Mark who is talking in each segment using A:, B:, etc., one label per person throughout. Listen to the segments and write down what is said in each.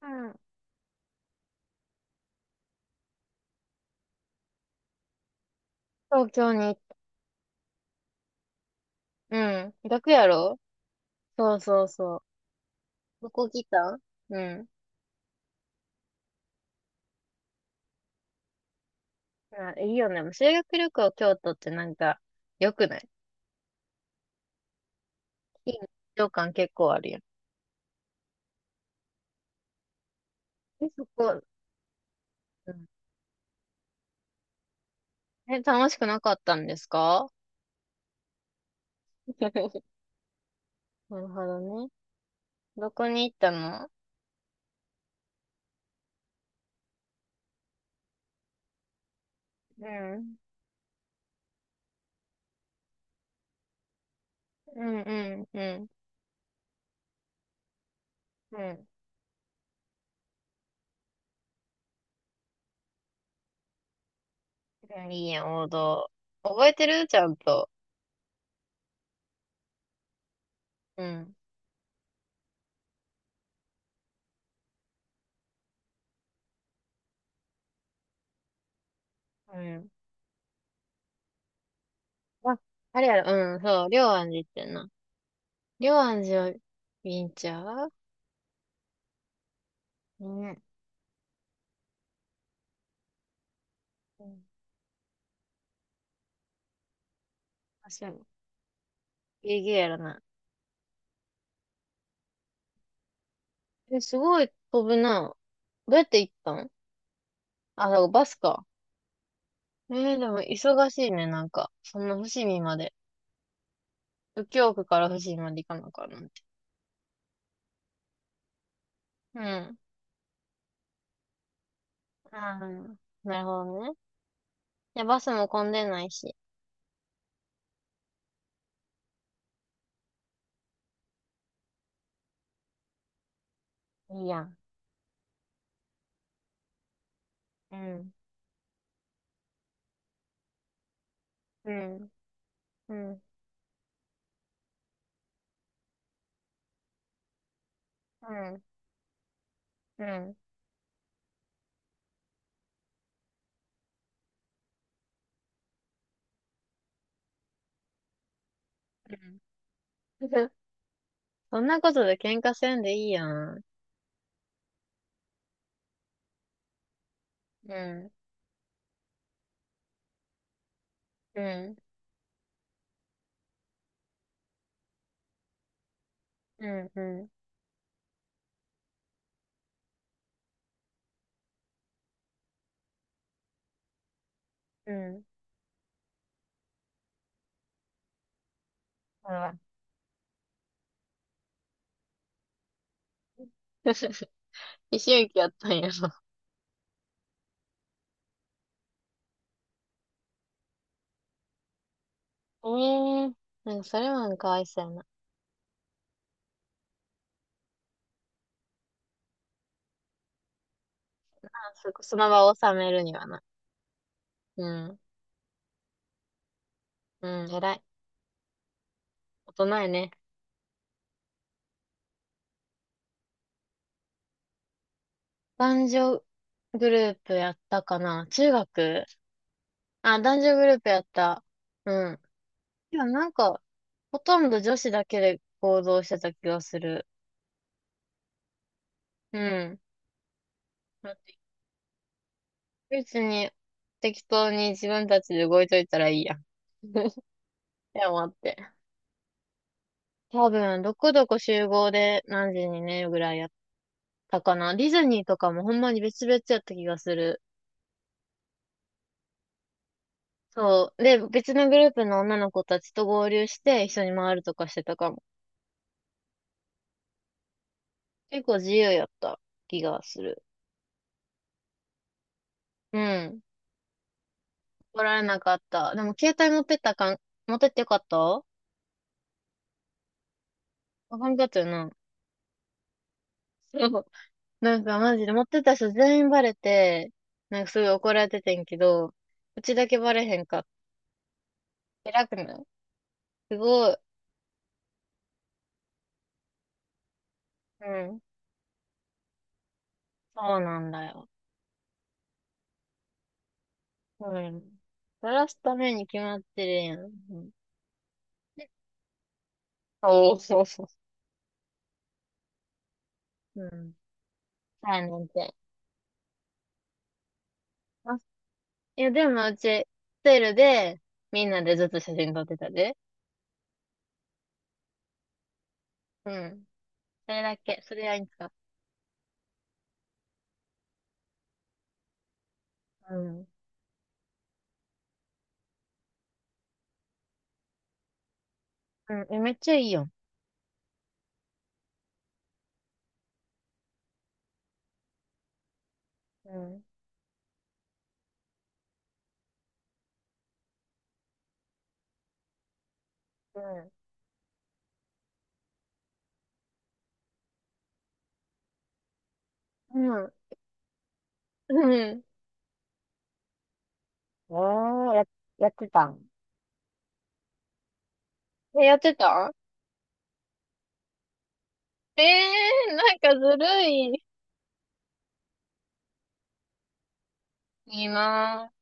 A: うん。東京に行った。うん。楽やろそうそうそう。どこ来たうん。あ、いいよね。修学旅行京都ってなんか、良くないいいね。旅感結構あるよ。え、そこ、うん。え、楽しくなかったんですか なるほどね。どこに行ったのうん。うんうんうん。うん。うんいいやん、王道。覚えてるちゃんと。うん。うん。あ、あれやろ。うん、そう。龍安寺行ってんな。龍安寺を、ビンチャーねえ。うん、確かに。ギリギリやらない。え、すごい飛ぶな。どうやって行ったんあ、だからバスか。えー、でも忙しいね、なんか。そんな伏見まで。右京区から伏見まで行かなあかんなんて。うん。ああ、なるほどね。いや、バスも混んでないし。いいやん。うん。うん。うん。うん。うん。うん。そんなことで喧嘩せんでいいやん。うん。うん。うん。うん。うん。あら。一周期やったんやろ。ええなんかそれはなんかかわいそ想やな。あそこ、その場を収めるにはな。うん。うん、偉い。大人やね。男女グループやったかな中学あ、男女グループやった。うん。いや、なんか、ほとんど女子だけで行動してた気がする。うん。だって別に、適当に自分たちで動いといたらいいやん。いや、待って。多分、どこどこ集合で何時にね、ぐらいやたかな。ディズニーとかもほんまに別々やった気がする。そう。で、別のグループの女の子たちと合流して一緒に回るとかしてたかも。結構自由やった気がする。うん。怒られなかった。でも携帯持ってったかん、持ってってよかったあかんかったよな。そう。なんかマジで持ってた人全員バレて、なんかすごい怒られててんけど、うちだけバレへんかった。偉くないすごい。うん。そうなんだよ。うん。バラすために決まってるやん。うんおー、そうそう。うん。3年んて。あ、いや、でもうち、ホテルで、みんなでずっと写真撮ってたで。うん。それだけ。それはいいんか。うん。うん。え、めっちゃいいよ。うん。うん。うん。うん。おー、や、やってたん。え、やってたえー、なんかずるい。いいな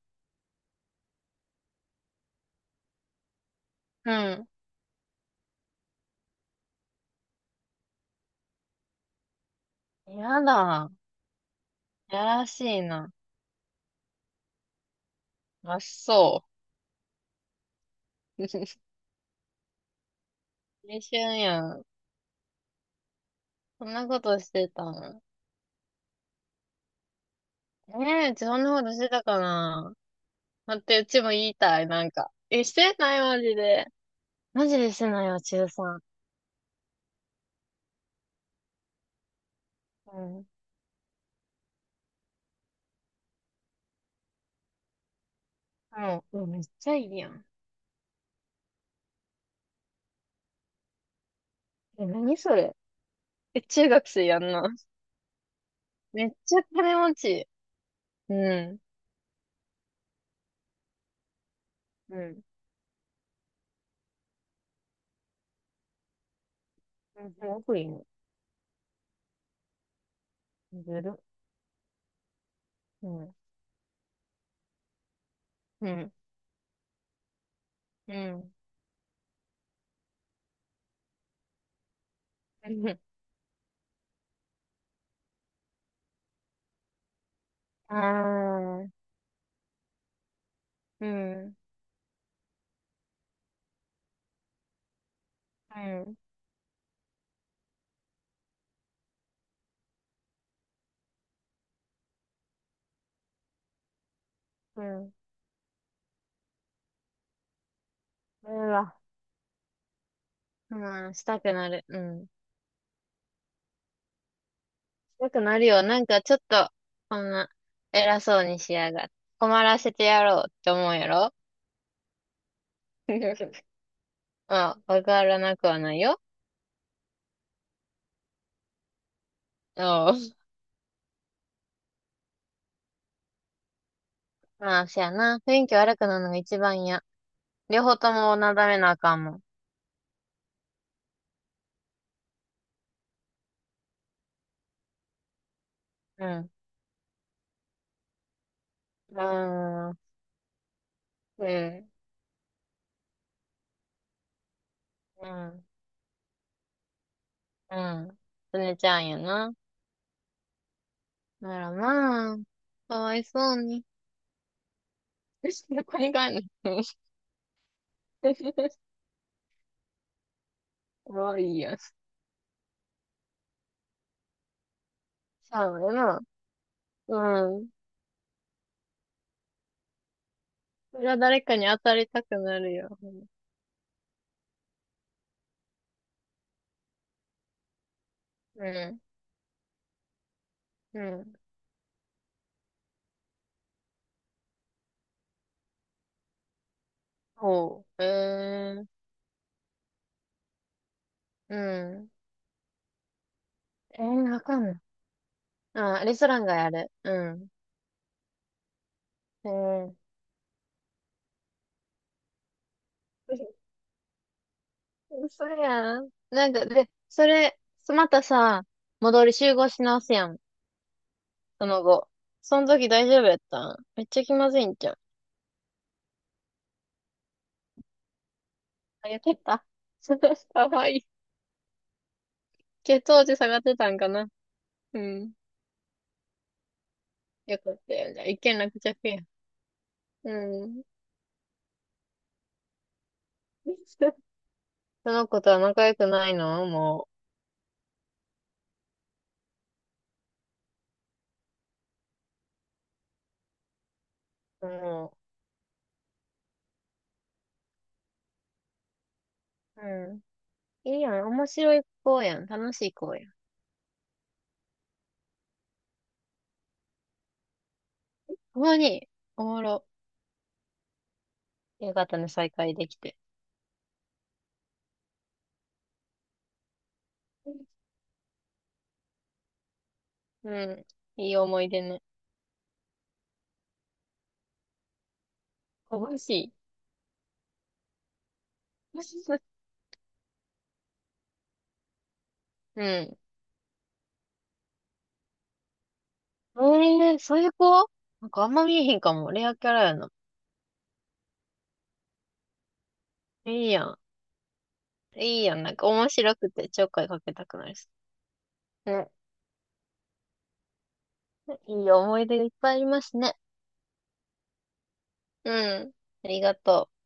A: ぁ。うん。やだ。やらしいな。あ、そう。青春やん。そんなことしてたの。ねえ、うちそんなことしてたかな。だって、うちも言いたい、なんか。え、してない、マジで。マジでしてないわ、中3。うん。もう、うわめっちゃいいやん。え、何それ。え、中学生やんな。めっちゃ金持ち。うん。うん。うん、すごくいいの。ずる。うん。うん。うん。うん。ああ。うん。うん。うん。うわ。うん、したくなる。うん。よくなるよ。なんかちょっと、こんな、偉そうにしやがって。困らせてやろうって思うやろ うん、わからなくはないよ。うん。まあ、しやな。雰囲気悪くなるのが一番や。両方ともなだめなあかんもん。うん。うーん。うん。うん。うん。すねちゃんやな。ならまあ、かわいそうに。どこに帰んの かわいいやん。そうやな。うん。それは誰かに当たりたくなるよ。うん。うん。ほう。えー、うん。えー、わかんない。あレストランがやる。うん。えー、嘘やん。なんか、で、それ、またさ、戻り集合し直すやん。その後。その時大丈夫やったんめっちゃ気まずいんじゃん。あ、やってた かわいい。血糖値下がってたんかなうん。よかったよ。じゃあ、一件落着や。うん。その子とは仲良くないのもう。もう。うん。いいやん。面白い子やん。楽しい子やん。ほんまに、おもろ。よかったね、再会できて。うん。いい思い出ね。楽しい。うん。えー、そういう子なんかあんま見えへんかも。レアキャラやな。いいやん。いいやん。なんか面白くてちょっかいかけたくなるし。ね。いい思い出がいっぱいありますね。うん。ありがとう。